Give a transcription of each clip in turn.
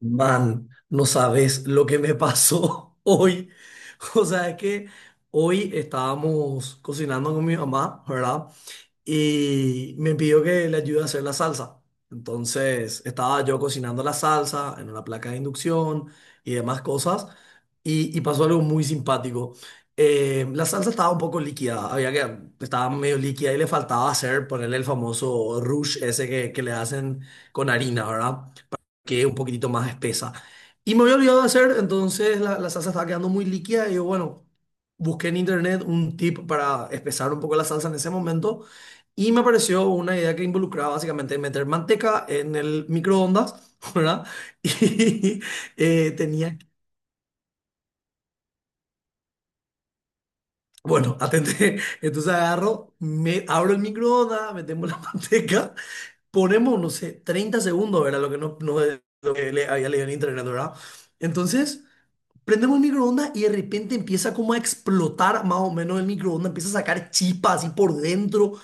Man, no sabes lo que me pasó hoy. O sea, es que hoy estábamos cocinando con mi mamá, ¿verdad? Y me pidió que le ayude a hacer la salsa. Entonces, estaba yo cocinando la salsa en una placa de inducción y demás cosas. Y pasó algo muy simpático. La salsa estaba un poco líquida, había que, estaba medio líquida y le faltaba hacer, ponerle el famoso rush ese que le hacen con harina, ¿verdad? Que es un poquitito más espesa. Y me había olvidado de hacer, entonces la salsa estaba quedando muy líquida y yo, bueno, busqué en internet un tip para espesar un poco la salsa en ese momento y me apareció una idea que involucraba básicamente meter manteca en el microondas, ¿verdad? Y tenía... Bueno, atente, entonces agarro, me abro el microondas, metemos la manteca, ponemos, no sé, 30 segundos, era lo que le había leído en internet, ¿verdad? Entonces, prendemos el microondas y de repente empieza como a explotar más o menos el microondas, empieza a sacar chispas así por dentro.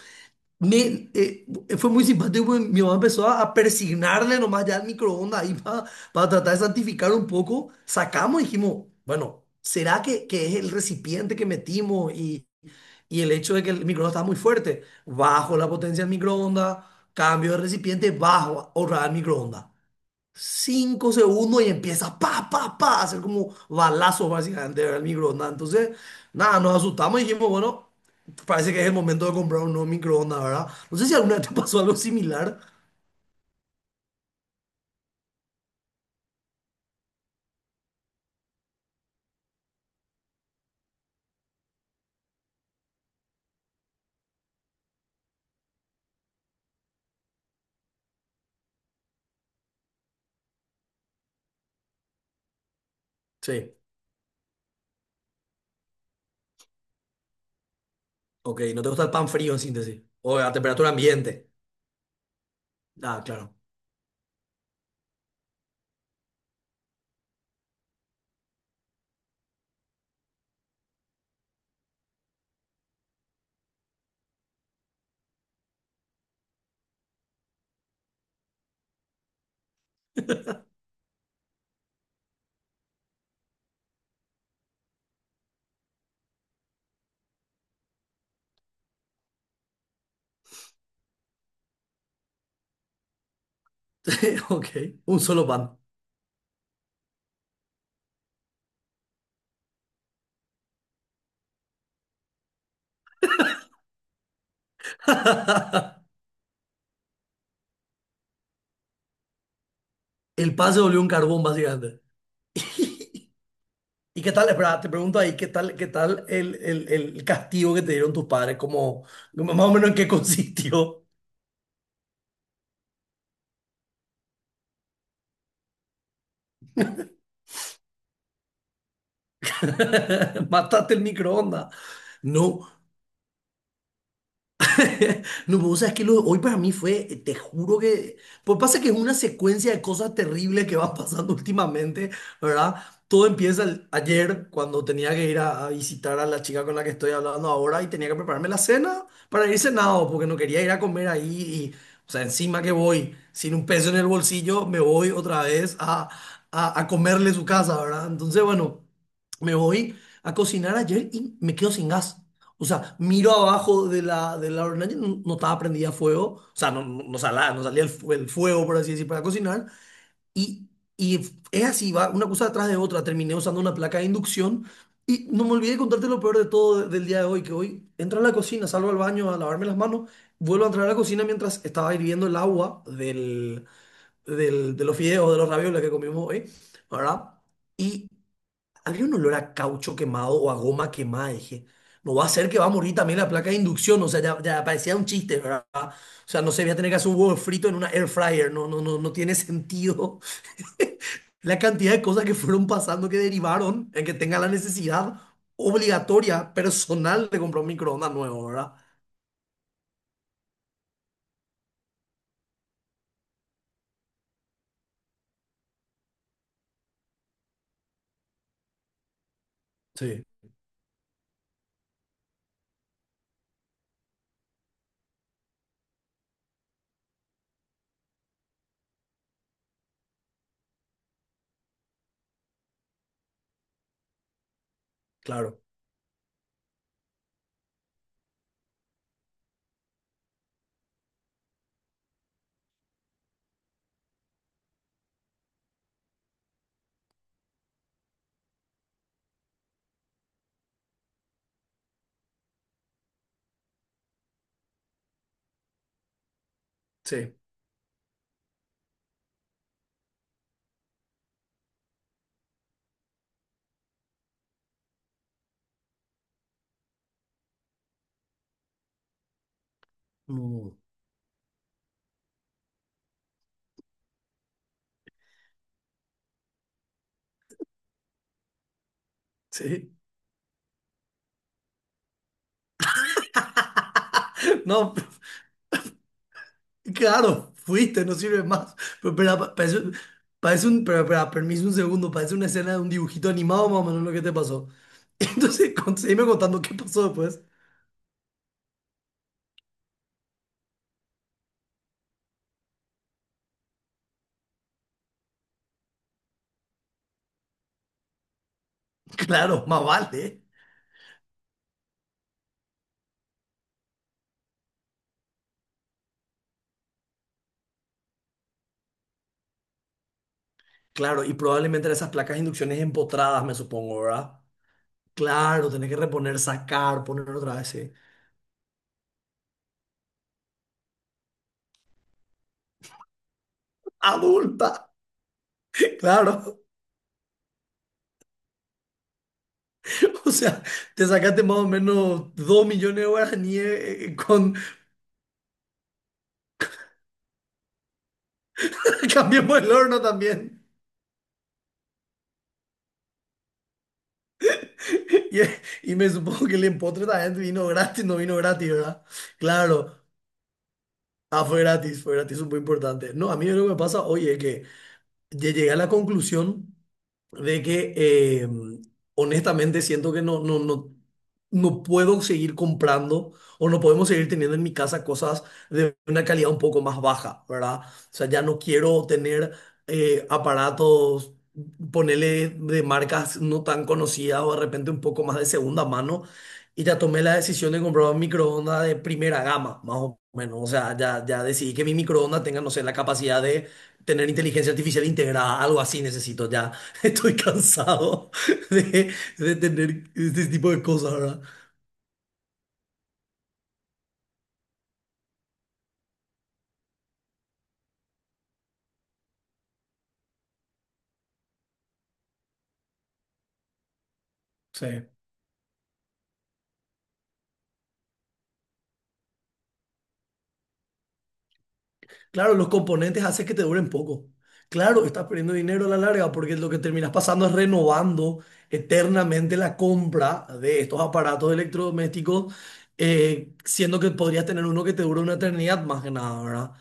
Me, eh, Fue muy simpático, porque mi mamá empezó a persignarle nomás ya al microondas ahí para tratar de santificar un poco. Sacamos y dijimos, bueno, ¿será que es el recipiente que metimos y el hecho de que el microondas estaba muy fuerte? Bajo la potencia del microondas, cambio de recipiente, bajo, ahorrar el microondas. 5 segundos y empieza pa, pa, pa, a hacer como balazos básicamente, ¿verdad? El microondas. Entonces, nada, nos asustamos y dijimos, bueno, parece que es el momento de comprar un nuevo microondas, ¿verdad? No sé si alguna vez te pasó algo similar. Sí, ok, no te gusta el pan frío en síntesis. O a temperatura ambiente. Ah, claro. Ok, un solo pan. El pan se volvió un carbón básicamente. ¿Y qué tal? Espera, te pregunto ahí, ¿qué tal el castigo que te dieron tus padres? Como, más o menos en qué consistió. Mataste el microondas. No, no, vos sabés que lo de hoy para mí fue, te juro que, pues pasa que es una secuencia de cosas terribles que van pasando últimamente, ¿verdad? Todo empieza ayer cuando tenía que ir a visitar a la chica con la que estoy hablando ahora y tenía que prepararme la cena para ir cenado porque no quería ir a comer ahí y, o sea, encima que voy sin un peso en el bolsillo, me voy otra vez a comerle su casa, ¿verdad? Entonces, bueno, me voy a cocinar ayer y me quedo sin gas. O sea, miro abajo de la hornalla, y no estaba prendida a fuego, o sea, no salía el fuego, por así decir, para cocinar, y, y es así, va una cosa detrás de otra, terminé usando una placa de inducción, y no me olvidé de contarte lo peor de todo del día de hoy, que hoy entro a la cocina, salgo al baño a lavarme las manos, vuelvo a entrar a la cocina mientras estaba hirviendo el agua de los fideos, de los ravioles que comimos hoy, ¿verdad? Y había un olor a caucho quemado o a goma quemada. Dije, no va a ser que va a morir también la placa de inducción. O sea, ya parecía un chiste, ¿verdad? O sea, no se voy a tener que hacer un huevo frito en una air fryer. No, no, no, no tiene sentido. La cantidad de cosas que fueron pasando que derivaron en que tenga la necesidad obligatoria, personal, de comprar un microondas nuevo, ¿verdad? Sí, claro. Sí. Mm, sí. No, claro, fuiste, no sirve más. Pero, pero parece, pero, permiso un segundo, parece una escena de un dibujito animado, más o menos lo que te pasó. Entonces, seguime contando qué pasó después. Claro, más vale. Claro, y probablemente eran esas placas de inducciones empotradas, me supongo, ¿verdad? Claro, tenés que reponer, sacar, poner otra vez, sí. Adulta. Claro, o sea, te sacaste más o menos 2 millones de guaraníes con... Cambiemos el horno también. Y, y me supongo que el empotre también vino gratis, no vino gratis, ¿verdad? Claro. Ah, fue gratis, eso es muy importante. No, a mí lo que me pasa hoy es que llegué a la conclusión de que honestamente siento que no puedo seguir comprando o no podemos seguir teniendo en mi casa cosas de una calidad un poco más baja, ¿verdad? O sea, ya no quiero tener aparatos, ponerle de marcas no tan conocidas o de repente un poco más de segunda mano. Y ya tomé la decisión de comprar un microondas de primera gama, más o menos. O sea, ya decidí que mi microondas tenga, no sé, la capacidad de tener inteligencia artificial integrada, algo así necesito ya. Estoy cansado de, de tener este tipo de cosas, ¿verdad? Sí. Claro, los componentes hacen que te duren poco. Claro, estás perdiendo dinero a la larga porque lo que terminas pasando es renovando eternamente la compra de estos aparatos electrodomésticos, siendo que podrías tener uno que te dure una eternidad más que nada, ¿verdad?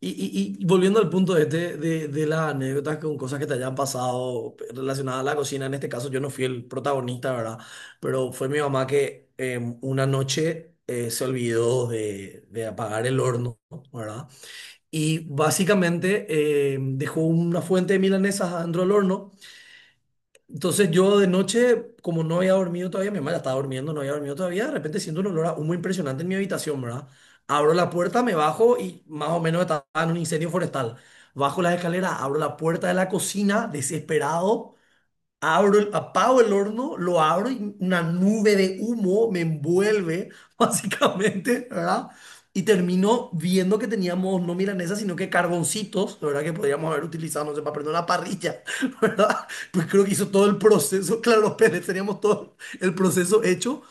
Y volviendo al punto este de las anécdotas con cosas que te hayan pasado relacionadas a la cocina, en este caso yo no fui el protagonista, ¿verdad? Pero fue mi mamá que una noche se olvidó de apagar el horno, ¿verdad? Y básicamente dejó una fuente de milanesas adentro del horno. Entonces yo de noche, como no había dormido todavía, mi mamá ya estaba durmiendo, no había dormido todavía, de repente siento un olor a humo impresionante en mi habitación, ¿verdad? Abro la puerta, me bajo y más o menos estaba en un incendio forestal. Bajo las escaleras, abro la puerta de la cocina, desesperado, abro, apago el horno, lo abro y una nube de humo me envuelve, básicamente, ¿verdad? Y termino viendo que teníamos no milanesas, sino que carboncitos, ¿verdad? Que podríamos haber utilizado, no sé, para prender una parrilla, ¿verdad? Pues creo que hizo todo el proceso, claro, los pellets teníamos todo el proceso hecho.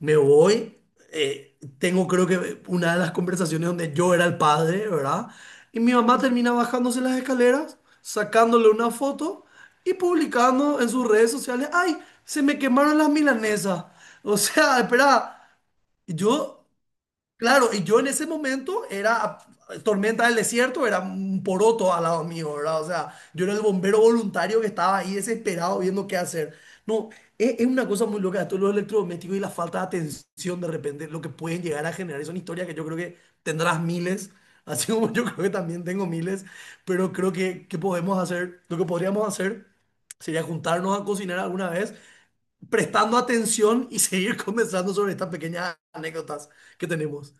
Me voy, tengo creo que una de las conversaciones donde yo era el padre, ¿verdad? Y mi mamá termina bajándose las escaleras, sacándole una foto y publicando en sus redes sociales, ¡ay! Se me quemaron las milanesas. O sea, espera. Yo Claro, y yo en ese momento era tormenta del desierto, era un poroto al lado mío, ¿verdad? O sea, yo era el bombero voluntario que estaba ahí desesperado viendo qué hacer. No, es una cosa muy loca, esto de los electrodomésticos y la falta de atención de repente, lo que pueden llegar a generar. Y son historias que yo creo que tendrás miles, así como yo creo que también tengo miles, pero creo que podemos hacer, lo que podríamos hacer sería juntarnos a cocinar alguna vez, prestando atención y seguir conversando sobre estas pequeñas anécdotas que tenemos.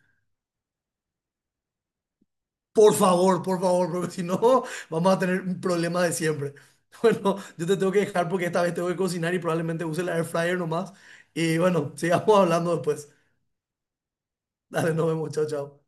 Por favor, porque si no vamos a tener un problema de siempre. Bueno, yo te tengo que dejar porque esta vez tengo que cocinar y probablemente use el air fryer nomás. Y bueno, sigamos hablando después. Dale, nos vemos, chao, chao.